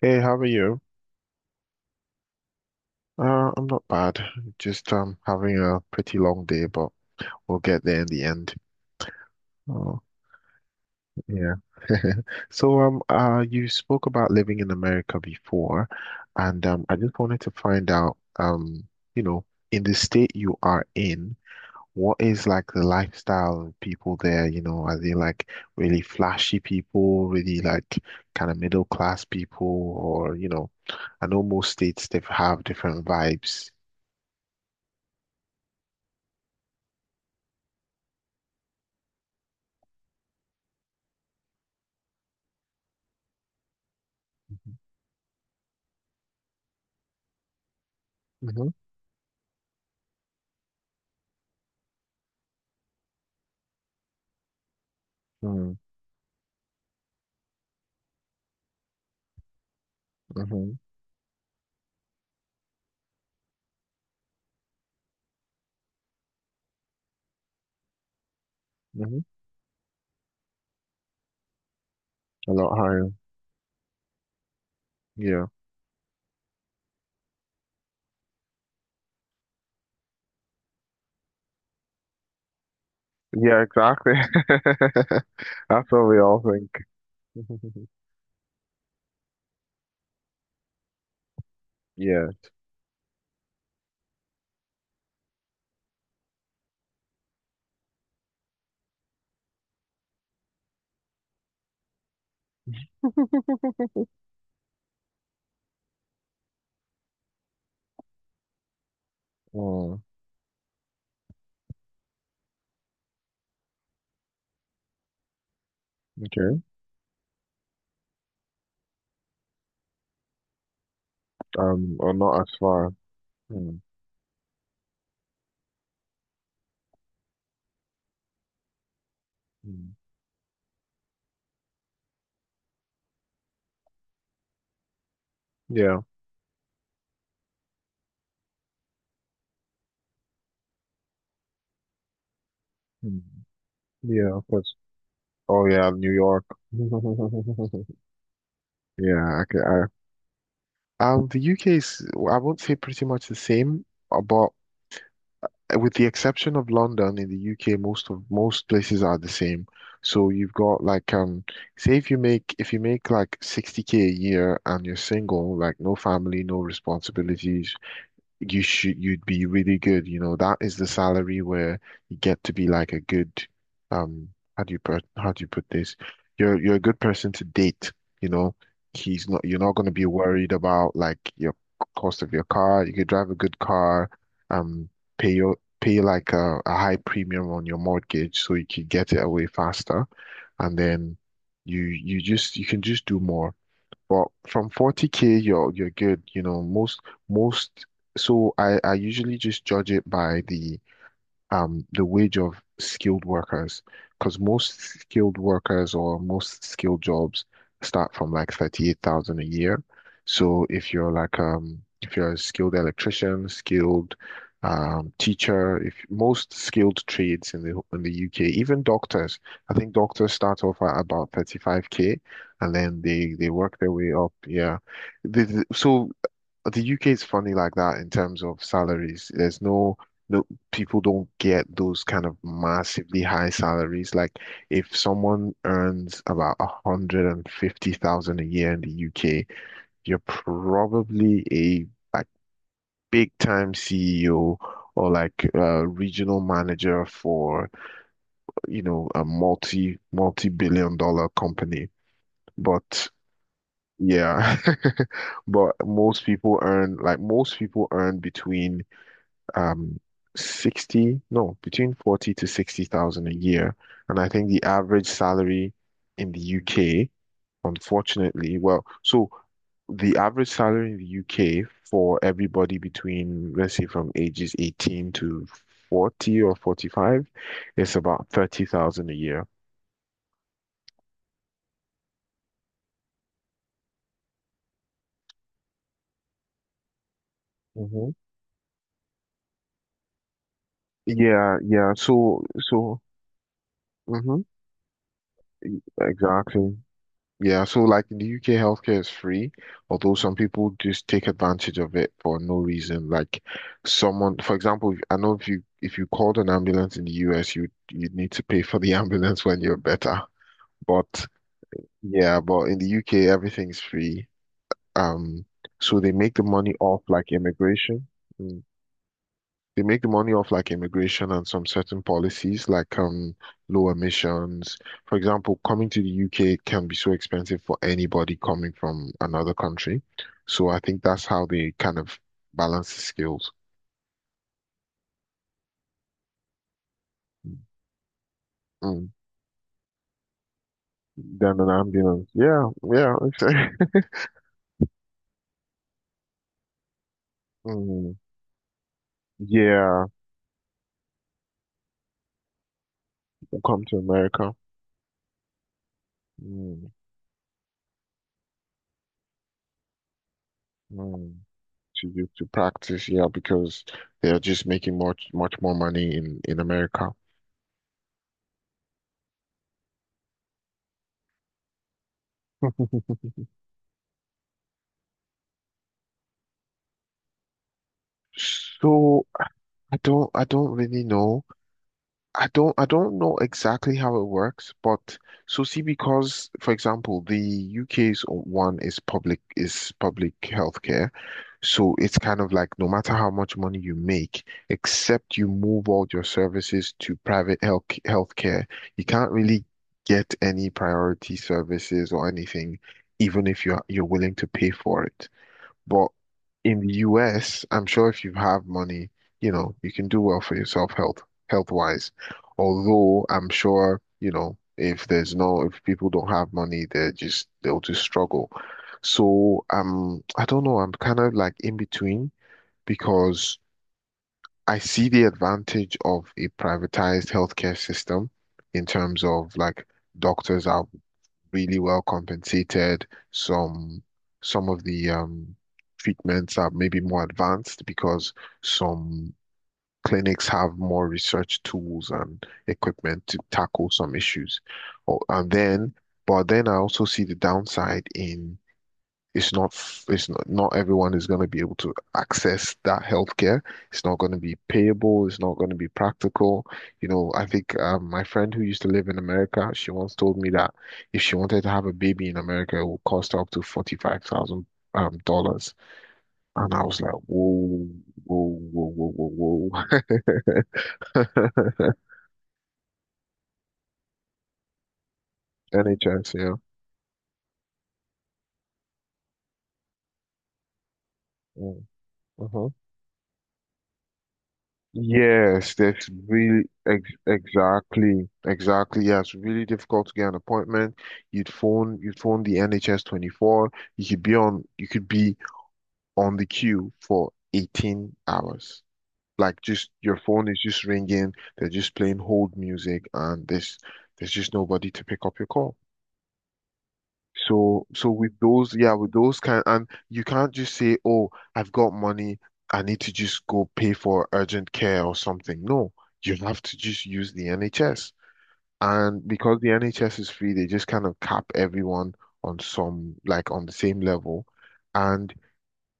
Hey, how are you? I'm not bad. Just having a pretty long day, but we'll get there in the end. Oh, yeah. So you spoke about living in America before, and I just wanted to find out you know in the state you are in, what is like the lifestyle of people there? You know, are they like really flashy people, really like kind of middle class people, or you know, I know most states they have different vibes. Mhm. Mm, mhm. Mhm. A lot higher. Yeah. Yeah, exactly. That's what we all think. Yeah. Oh, okay. Or not as far. Hmm. Hmm. Yeah. Hmm. Yeah, of course. Oh yeah, New York. Yeah, okay. The UK is. I won't say pretty much the same, but with the exception of London in the UK, most places are the same. So you've got like say if you make like 60K a year and you're single, like no family, no responsibilities, you'd be really good. You know, that is the salary where you get to be like a good um how do you put this? You're a good person to date, you know. He's not, you're not gonna be worried about like your cost of your car. You could drive a good car, um pay like a high premium on your mortgage so you could get it away faster and then you can just do more. But from 40K, you're good. You know, most most. So I usually just judge it by the the wage of skilled workers, because most skilled workers or most skilled jobs start from like 38,000 a year. So if you're a skilled electrician, skilled teacher, if most skilled trades in the UK, even doctors, I think doctors start off at about 35K and then they work their way up. Yeah. So the UK is funny like that in terms of salaries. There's no, no, people don't get those kind of massively high salaries. Like if someone earns about 150,000 a year in the UK, you're probably a like big time CEO or like a regional manager for, you know, a multi billion dollar company. But yeah, but most people earn between um 60, no, between 40 to 60,000 a year. And I think the average salary in the UK, unfortunately, well, so the average salary in the UK for everybody between, let's say, from ages 18 to 40 or 45 is about 30,000 a year. Hmm. Yeah, yeah. So, so, mhm, exactly. Yeah, so like in the UK, healthcare is free, although some people just take advantage of it for no reason. Like someone, for example, I know if you called an ambulance in the US, you'd need to pay for the ambulance when you're better. But yeah, but in the UK, everything's free. Um, so they make the money off like immigration. Hmm. They make money off like immigration and some certain policies like low emissions. For example, coming to the UK can be so expensive for anybody coming from another country. So I think that's how they kind of balance the skills. Mm. Then an ambulance. Yeah, yeah. Mm. Yeah, come to America. Mm. Mm. To practice, yeah, because they're just making much more money in America. So I don't really know. I don't know exactly how it works, but so see because for example the UK's one is public healthcare. So it's kind of like no matter how much money you make, except you move all your services to private healthcare, you can't really get any priority services or anything, even if you're willing to pay for it. But in the US, I'm sure if you have money, you know, you can do well for yourself health wise. Although I'm sure, you know, if there's no, if people don't have money, they'll just struggle. So I don't know, I'm kind of like in between because I see the advantage of a privatized healthcare system in terms of like doctors are really well compensated. Some of the treatments are maybe more advanced because some clinics have more research tools and equipment to tackle some issues. Or and then, but then I also see the downside in it's not f- it's not, not everyone is going to be able to access that healthcare. It's not going to be payable. It's not going to be practical. I think my friend who used to live in America, she once told me that if she wanted to have a baby in America, it would cost her up to 45,000 dollars. And I was like, whoa, whoa, whoa, whoa, whoa, whoa. NHS, yeah. Mm. Uh-huh. Yes, that's really ex exactly, exactly. Yeah, it's really difficult to get an appointment. You'd phone the NHS 24. You could be on the queue for 18 hours. Like just your phone is just ringing. They're just playing hold music, and there's just nobody to pick up your call. So, with those, yeah, with those kind, and you can't just say, "Oh, I've got money. I need to just go pay for urgent care or something." No, you have to just use the NHS. And because the NHS is free, they just kind of cap everyone on some, like on the same level. And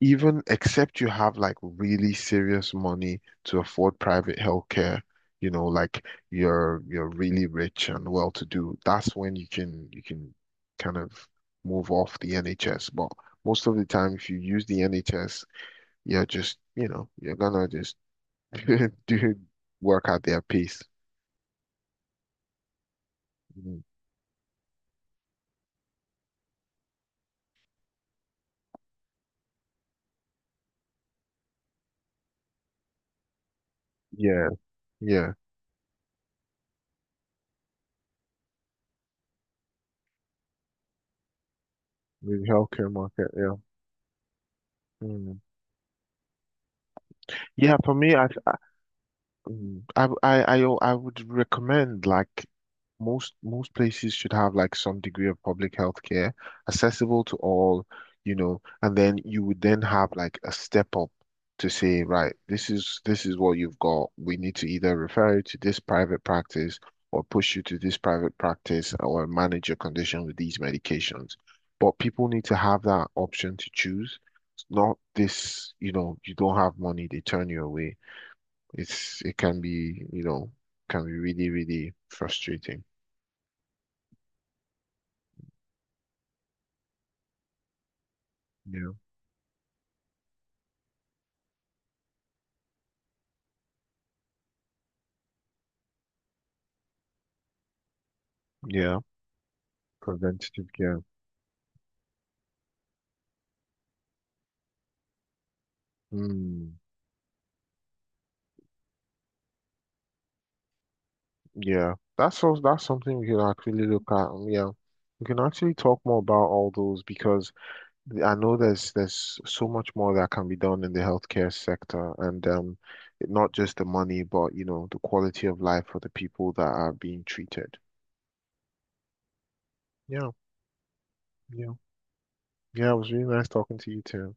even except you have like really serious money to afford private healthcare, like you're really rich and well to do, that's when you can kind of move off the NHS. But most of the time, if you use the NHS, you're gonna just do work at their pace. Mm. Yeah, yeah. The healthcare market, yeah. Mm. Yeah, for me, I Mm, I, w- I, o- I would recommend like most places should have like some degree of public health care accessible to all, and then you would then have like a step up to say, right, this is what you've got. We need to either refer you to this private practice or push you to this private practice or manage your condition with these medications. But people need to have that option to choose. It's not this, you don't have money, they turn you away. It can be, can be really, really frustrating. Yeah. Yeah. Preventative care. Mm, yeah, that's something we can actually look at. Yeah, we can actually talk more about all those because I know there's so much more that can be done in the healthcare sector, and not just the money, but the quality of life for the people that are being treated. Yeah, yeah, yeah. It was really nice talking to you too.